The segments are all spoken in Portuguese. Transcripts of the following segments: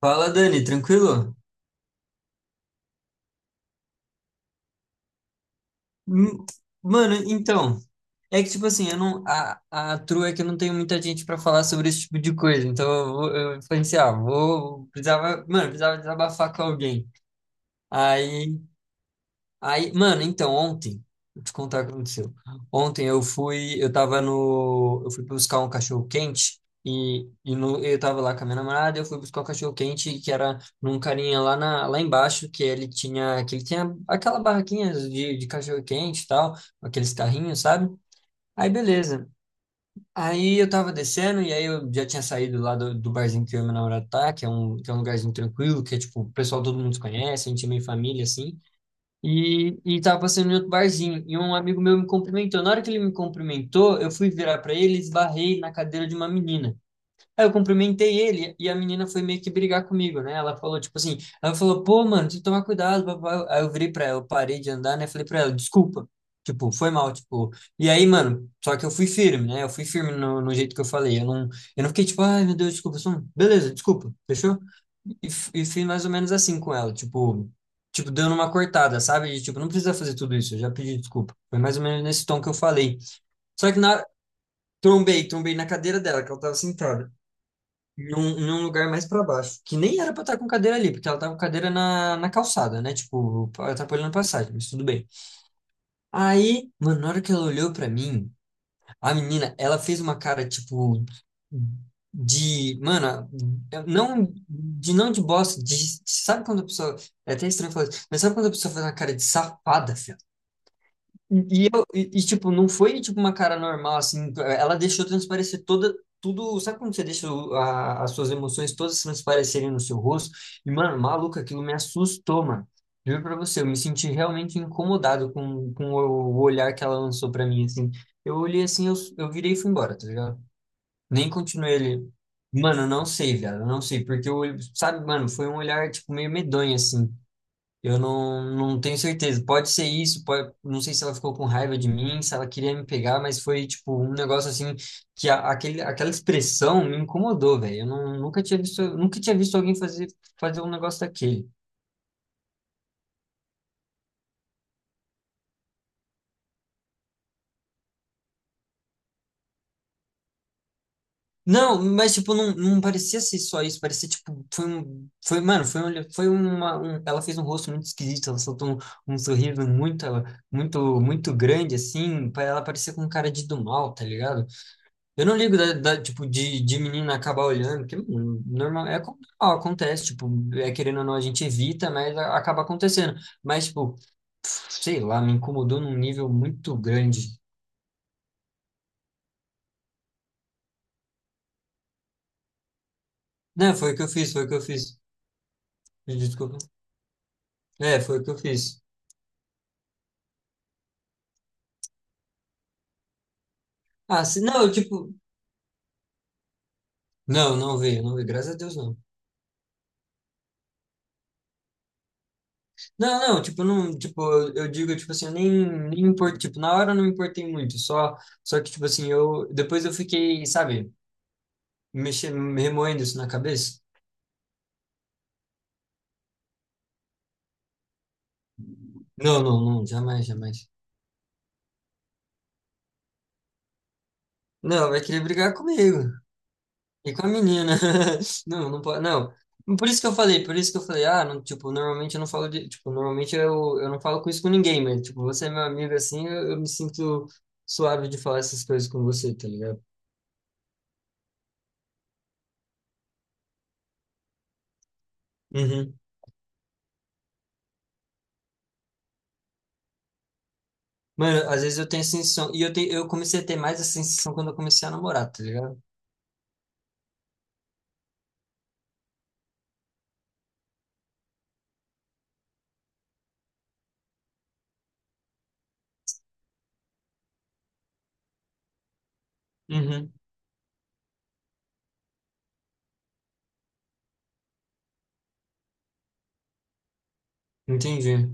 Fala, Dani, tranquilo? Hum, Mano, então, é que tipo assim, eu não, a true é que eu não tenho muita gente pra falar sobre esse tipo de coisa, então eu pensei, ah, precisava, mano, precisava desabafar com alguém. Aí Aí, mano, então, ontem, vou te contar o que aconteceu. Ontem eu fui, eu tava no, Eu fui buscar um cachorro quente e no, eu tava lá com a minha namorada, eu fui buscar um cachorro quente que era num carinha lá lá embaixo que ele tinha aquela barraquinha de cachorro quente e tal, aqueles carrinhos, sabe? Aí, beleza. Aí eu tava descendo e aí eu já tinha saído lá do barzinho que eu e meu namorado tá, que é um lugarzinho tranquilo, que é tipo, o pessoal, todo mundo se conhece, a gente é meio família assim. E tava passando em outro barzinho, e um amigo meu me cumprimentou. Na hora que ele me cumprimentou, eu fui virar para ele e esbarrei na cadeira de uma menina. Aí eu cumprimentei ele e a menina foi meio que brigar comigo, né? Ela falou, tipo assim, ela falou, pô, mano, tem que tomar cuidado, papai. Aí eu virei pra ela, eu parei de andar, né? Falei pra ela, desculpa. Tipo, foi mal, tipo. E aí, mano, só que eu fui firme, né? Eu fui firme no jeito que eu falei. Eu não fiquei tipo, ai, meu Deus, desculpa. Beleza, desculpa, fechou? E fiz mais ou menos assim com ela, tipo, dando uma cortada, sabe? De, tipo, não precisa fazer tudo isso, eu já pedi desculpa. Foi mais ou menos nesse tom que eu falei. Só que na, trombei na cadeira dela, que ela tava sentada em um lugar mais pra baixo, que nem era pra estar com cadeira ali, porque ela tava com cadeira na calçada, né? Tipo, atrapalhando a passagem, mas tudo bem. Aí, mano, na hora que ela olhou pra mim, a menina, ela fez uma cara, tipo, de, mano, não, de não de bosta, de, sabe quando a pessoa, é até estranho falar isso, mas sabe quando a pessoa faz uma cara de safada, filho? E, tipo, não foi tipo uma cara normal, assim. Ela deixou transparecer tudo. Sabe quando você deixa as suas emoções todas transparecerem no seu rosto? E, mano, maluco, aquilo me assustou, mano. Juro pra você, eu me senti realmente incomodado com o olhar que ela lançou pra mim, assim. Eu olhei assim, eu virei e fui embora, tá ligado? Nem continuei ele. Mano, eu não sei, velho, eu não sei, porque sabe, mano, foi um olhar, tipo, meio medonho, assim. Eu não, não tenho certeza. Pode ser isso, pode... não sei se ela ficou com raiva de mim, se ela queria me pegar, mas foi tipo um negócio assim que aquela expressão me incomodou, velho. Eu não, nunca tinha visto, nunca tinha visto alguém fazer um negócio daquele. Não, mas tipo, não, não parecia ser só isso, parecia tipo, mano, foi, um, foi uma, um- ela fez um rosto muito esquisito, ela soltou um sorriso muito, muito, muito grande, assim, pra ela parecer com um cara de do mal, tá ligado? Eu não ligo tipo, de menina acabar olhando, porque mano, normal, é como- normal, acontece, tipo, é querendo ou não, a gente evita, acaba acontecendo. Mas, tipo, sei lá, me incomodou num nível muito grande. Não, foi o que eu fiz, foi o que eu fiz. Me desculpa. É, foi o que eu fiz. Ah, se, não, eu, tipo, não, não veio, não veio, graças a Deus, não. Não, não, tipo, não, tipo, eu digo, tipo assim, eu nem, nem me importo, tipo, na hora eu não me importei muito, só que, tipo assim, eu, depois eu fiquei, sabe, mexendo, remoendo isso na cabeça. Não, não, não, jamais, jamais. Não, vai querer brigar comigo e com a menina. Não, não pode, não. Por isso que eu falei, por isso que eu falei, ah, não, tipo, normalmente eu não falo de, tipo, normalmente eu não falo com isso com ninguém, mas, tipo, você é meu amigo assim, eu me sinto suave de falar essas coisas com você, tá ligado? Uhum. Mano, às vezes eu tenho essa sensação, e eu comecei a ter mais essa sensação quando eu comecei a namorar, tá ligado? Uhum. Entendi.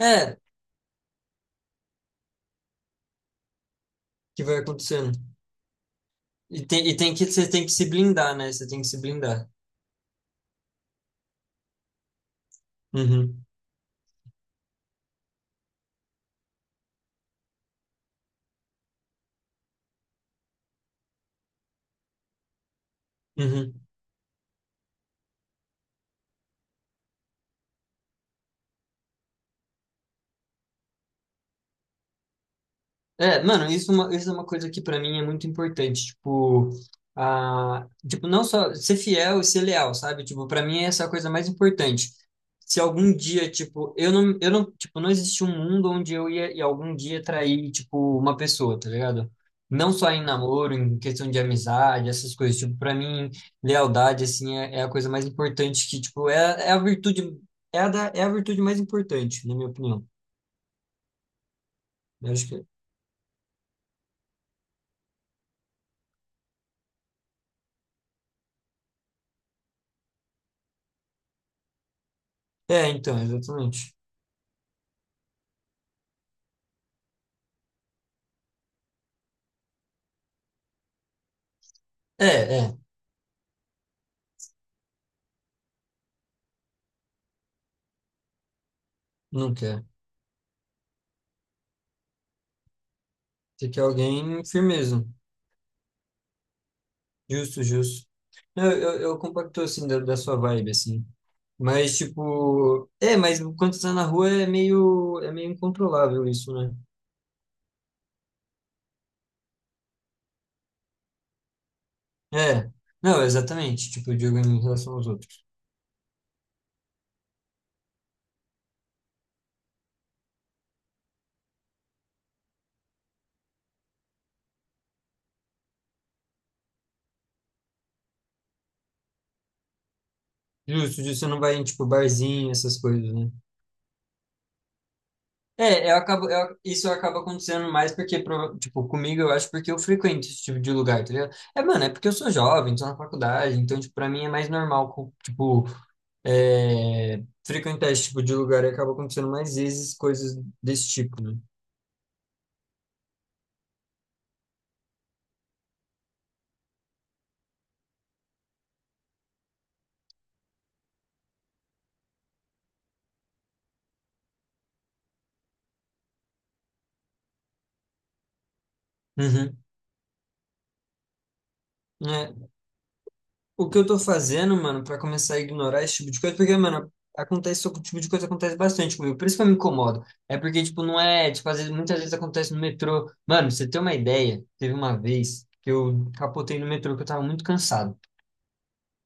É, que vai acontecendo. Você tem que se blindar, né? Você tem que se blindar. Uhum. Uhum. É, mano, é uma- isso é uma coisa que pra mim é muito importante, tipo, a, tipo, não só ser fiel e ser leal, sabe? Tipo, para mim essa é a coisa mais importante. Se algum dia, tipo, eu não, tipo, não existe um mundo onde ia algum dia trair, tipo, uma pessoa, tá ligado? Não só em namoro, em questão de amizade, essas coisas, tipo, pra mim, lealdade, assim, é a coisa mais importante que, tipo, é, é a virtude, é a virtude mais importante, na minha opinião. Eu acho que, é, então, exatamente. É. É. Não quer. Tem que alguém firmeza. Justo, justo. Não, eu compacto, assim, da sua vibe, assim. Mas, tipo... É, mas quando você tá na rua é meio... É meio incontrolável isso, né? É. Não, exatamente. Tipo, de alguém em relação aos outros. Justo, justo. Você não vai em, tipo, barzinho, essas coisas, né? É, isso acaba acontecendo mais porque, tipo, comigo eu acho porque eu frequento esse tipo de lugar, tá ligado? É, mano, é porque eu sou jovem, tô na faculdade, então, tipo, pra mim é mais normal, tipo, é, frequentar esse tipo de lugar e acaba acontecendo mais vezes coisas desse tipo, né? Uhum. É, o que eu tô fazendo, mano, pra começar a ignorar esse tipo de coisa, porque, mano, acontece, esse tipo de coisa acontece bastante comigo, por isso que eu me incomodo. É porque, tipo, não é, tipo, às vezes, muitas vezes acontece no metrô. Mano, pra você ter uma ideia, teve uma vez que eu capotei no metrô que eu tava muito cansado.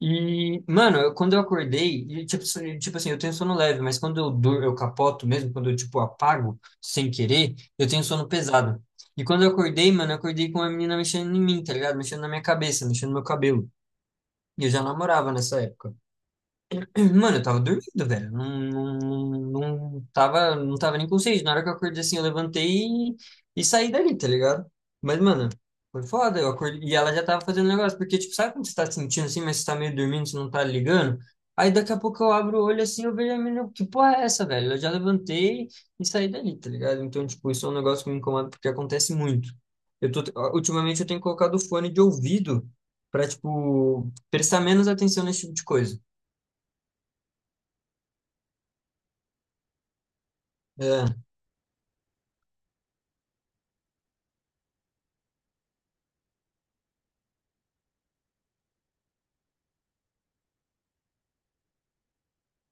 E, mano, quando eu acordei, e, tipo, tipo assim, eu tenho sono leve, mas quando eu dur, eu capoto mesmo, quando eu, tipo, apago sem querer, eu tenho sono pesado. E quando eu acordei, mano, eu acordei com uma menina mexendo em mim, tá ligado? Mexendo na minha cabeça, mexendo no meu cabelo. E eu já namorava nessa época. Mano, eu tava dormindo, velho. Não, não, não, não tava, não tava nem consciente. Na hora que eu acordei assim, eu levantei e saí dali, tá ligado? Mas, mano, foi foda. Eu acordei, e ela já tava fazendo negócio. Porque, tipo, sabe quando você tá sentindo assim, mas você tá meio dormindo, você não tá ligando? Aí daqui a pouco eu abro o olho assim, eu vejo a menina, que porra é essa, velho? Eu já levantei e saí dali, tá ligado? Então, tipo, isso é um negócio que me incomoda porque acontece muito. Eu tô, ultimamente eu tenho colocado o fone de ouvido pra, tipo, prestar menos atenção nesse tipo de coisa. É.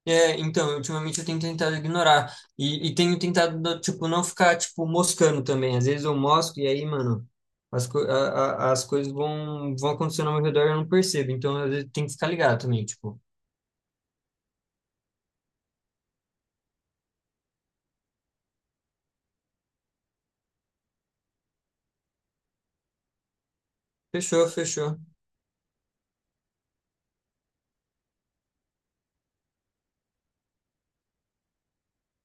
É, então, ultimamente eu tenho tentado ignorar. E tenho tentado, tipo, não ficar, tipo, moscando também. Às vezes eu mosco e aí, mano, as, co a- as coisas vão acontecendo ao meu redor e eu não percebo. Então, às vezes tem que ficar ligado também, tipo, fechou, fechou.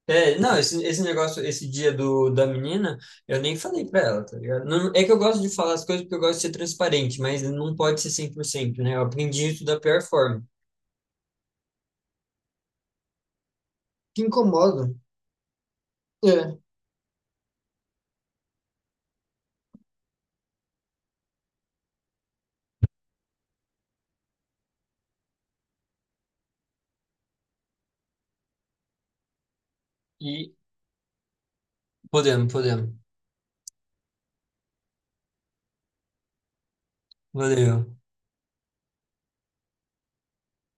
É, não, esse negócio, esse dia da menina, eu nem falei pra ela, tá ligado? É que eu gosto de falar as coisas porque eu gosto de ser transparente, mas não pode ser 100%, né? Eu aprendi isso da pior forma. Que incomoda. É. E podemos, podemos. Valeu.